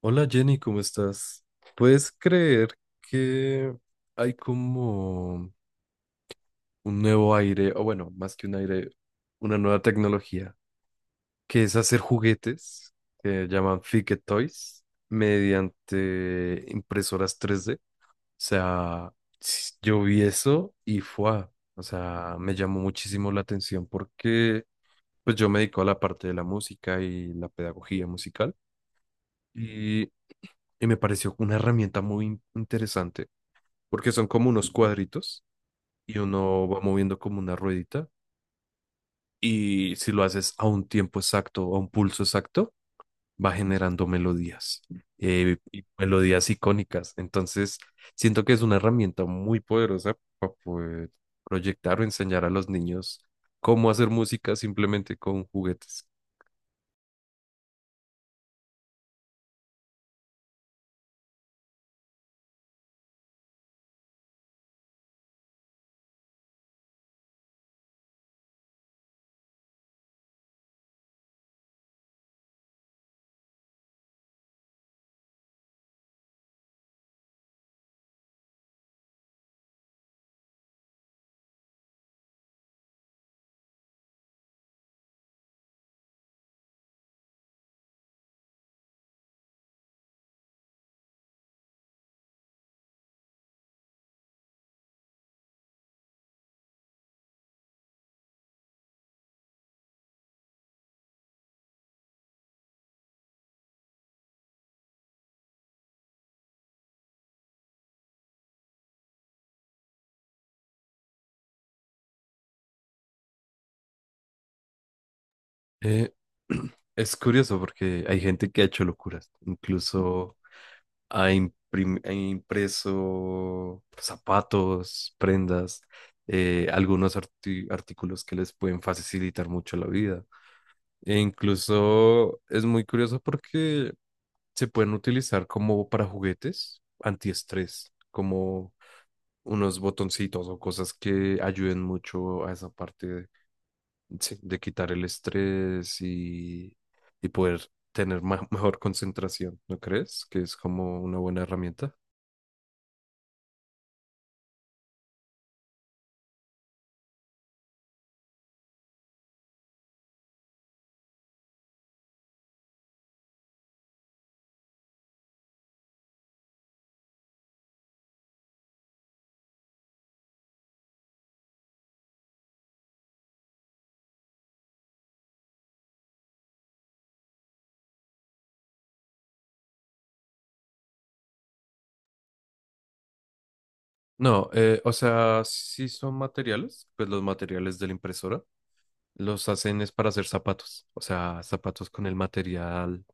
Hola Jenny, ¿cómo estás? ¿Puedes creer que hay como un nuevo aire, o bueno, más que un aire, una nueva tecnología, que es hacer juguetes que llaman Fidget Toys mediante impresoras 3D. O sea, yo vi eso y fue, o sea, me llamó muchísimo la atención porque pues yo me dedico a la parte de la música y la pedagogía musical y, y me pareció una herramienta muy interesante porque son como unos cuadritos, y uno va moviendo como una ruedita, y si lo haces a un tiempo exacto, a un pulso exacto, va generando melodías, y melodías icónicas. Entonces, siento que es una herramienta muy poderosa para poder proyectar o enseñar a los niños cómo hacer música simplemente con juguetes. Eh, es curioso porque hay gente que ha hecho locuras, incluso ha impreso zapatos, prendas, algunos artículos que les pueden facilitar mucho la vida. E incluso es muy curioso porque se pueden utilizar como para juguetes antiestrés, como unos botoncitos o cosas que ayuden mucho a esa parte de, sí, de quitar el estrés, y poder tener mejor concentración, ¿no crees? Que es como una buena herramienta. No, o sea, sí son materiales, pues los materiales de la impresora los hacen es para hacer zapatos, o sea, zapatos con el material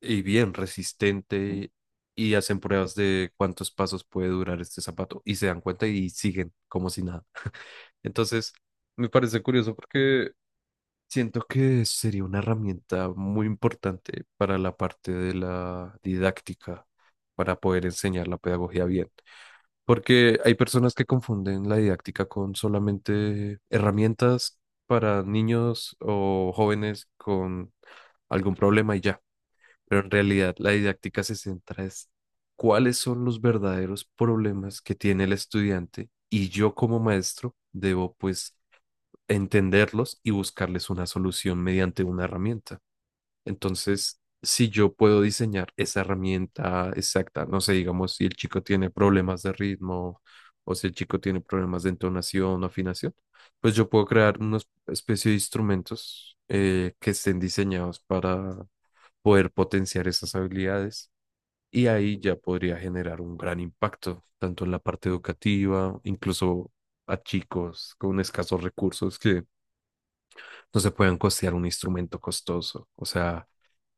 y bien resistente, y hacen pruebas de cuántos pasos puede durar este zapato y se dan cuenta y siguen como si nada. Entonces, me parece curioso porque siento que sería una herramienta muy importante para la parte de la didáctica, para poder enseñar la pedagogía bien. Porque hay personas que confunden la didáctica con solamente herramientas para niños o jóvenes con algún problema y ya. Pero en realidad la didáctica se centra es cuáles son los verdaderos problemas que tiene el estudiante, y yo como maestro debo pues entenderlos y buscarles una solución mediante una herramienta. Entonces, si yo puedo diseñar esa herramienta exacta, no sé, digamos, si el chico tiene problemas de ritmo o si el chico tiene problemas de entonación o afinación, pues yo puedo crear una especie de instrumentos que estén diseñados para poder potenciar esas habilidades, y ahí ya podría generar un gran impacto, tanto en la parte educativa, incluso a chicos con escasos recursos que no se puedan costear un instrumento costoso. O sea,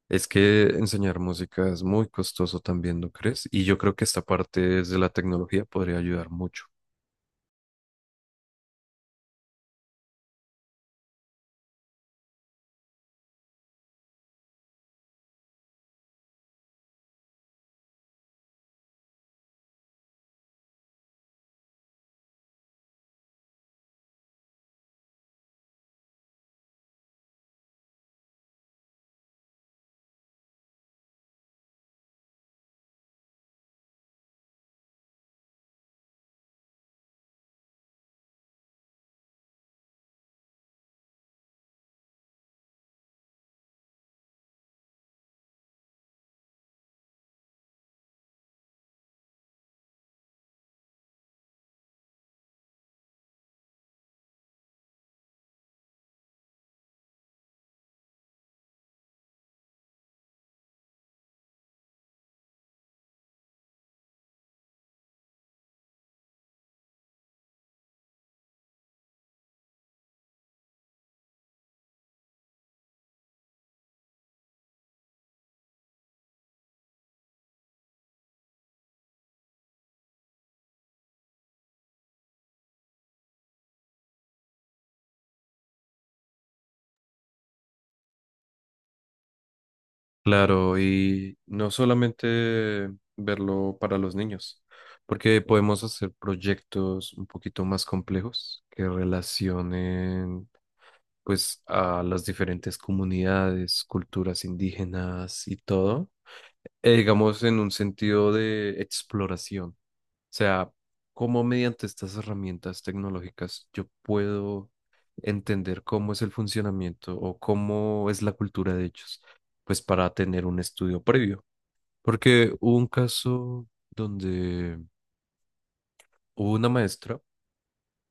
es que enseñar música es muy costoso también, ¿no crees? Y yo creo que esta parte de la tecnología podría ayudar mucho. Claro, y no solamente verlo para los niños, porque podemos hacer proyectos un poquito más complejos que relacionen pues a las diferentes comunidades, culturas indígenas y todo, digamos en un sentido de exploración. Sea, cómo mediante estas herramientas tecnológicas yo puedo entender cómo es el funcionamiento o cómo es la cultura de ellos, pues para tener un estudio previo. Porque hubo un caso donde hubo una maestra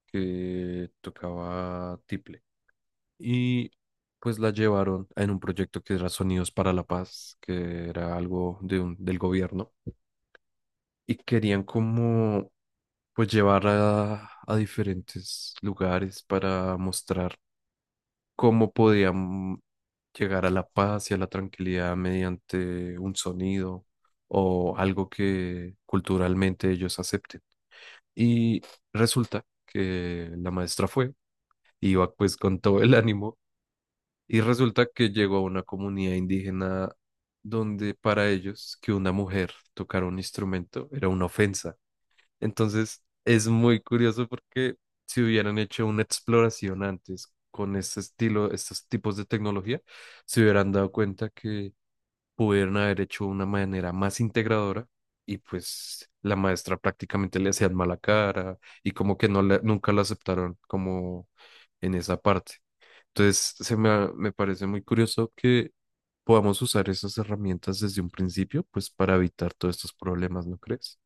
que tocaba tiple, y pues la llevaron en un proyecto que era Sonidos para la Paz, que era algo de un, del gobierno, y querían como pues llevar a diferentes lugares para mostrar cómo podían llegar a la paz y a la tranquilidad mediante un sonido o algo que culturalmente ellos acepten. Y resulta que la maestra fue, iba pues con todo el ánimo, y resulta que llegó a una comunidad indígena donde para ellos que una mujer tocara un instrumento era una ofensa. Entonces, es muy curioso porque si hubieran hecho una exploración antes con este estilo, estos tipos de tecnología, se hubieran dado cuenta que pudieron haber hecho una manera más integradora, y pues la maestra prácticamente le hacían mala cara, y como que nunca la aceptaron como en esa parte. Entonces, me parece muy curioso que podamos usar esas herramientas desde un principio, pues para evitar todos estos problemas, ¿no crees?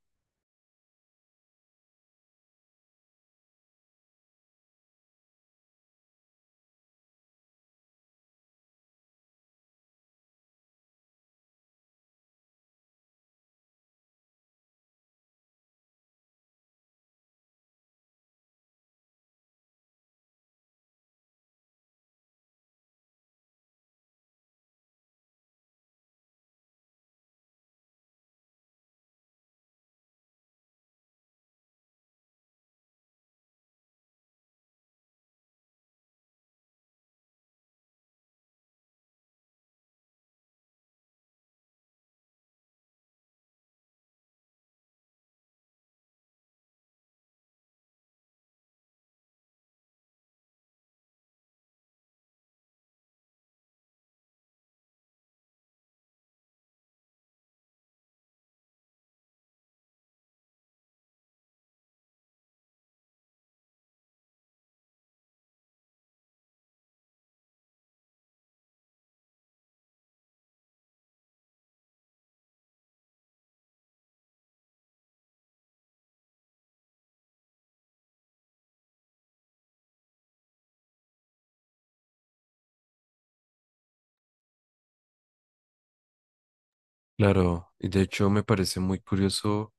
Claro, y de hecho me parece muy curioso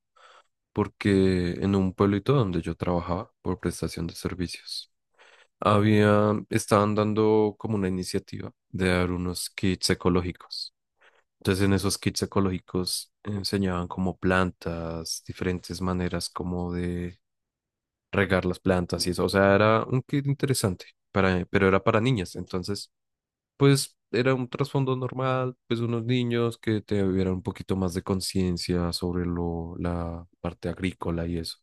porque en un pueblito donde yo trabajaba por prestación de servicios, había, estaban dando como una iniciativa de dar unos kits ecológicos. Entonces en esos kits ecológicos enseñaban como plantas, diferentes maneras como de regar las plantas y eso. O sea, era un kit interesante, para, pero era para niñas. Entonces pues era un trasfondo normal, pues unos niños que te tuvieran un poquito más de conciencia sobre lo, la parte agrícola y eso.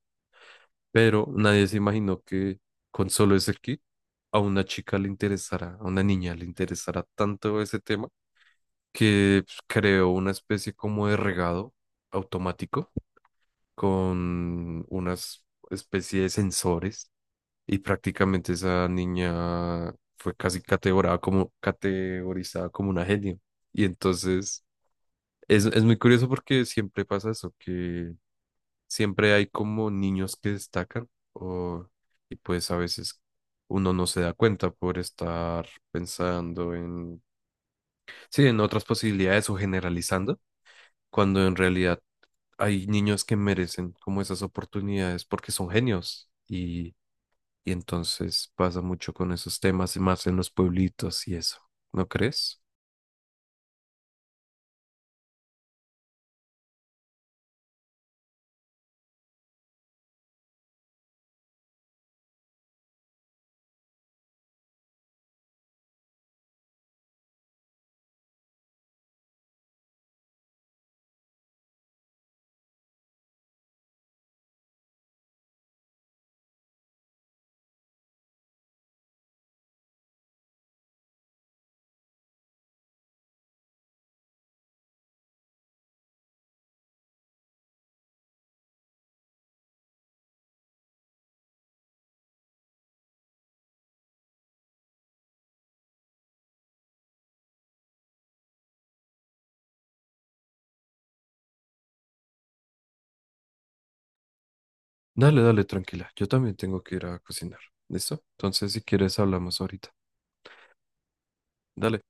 Pero nadie se imaginó que con solo ese kit a una chica le interesara, a una niña le interesara tanto ese tema, que pues, creó una especie como de regado automático con unas especie de sensores, y prácticamente esa niña fue casi categorizada como una genio. Y entonces es muy curioso porque siempre pasa eso, que siempre hay como niños que destacan o, y pues a veces uno no se da cuenta por estar pensando en, sí, en otras posibilidades o generalizando, cuando en realidad hay niños que merecen como esas oportunidades porque son genios. Y entonces pasa mucho con esos temas y más en los pueblitos y eso. ¿No crees? Dale, dale, tranquila. Yo también tengo que ir a cocinar. ¿Listo? Entonces, si quieres, hablamos ahorita. Dale.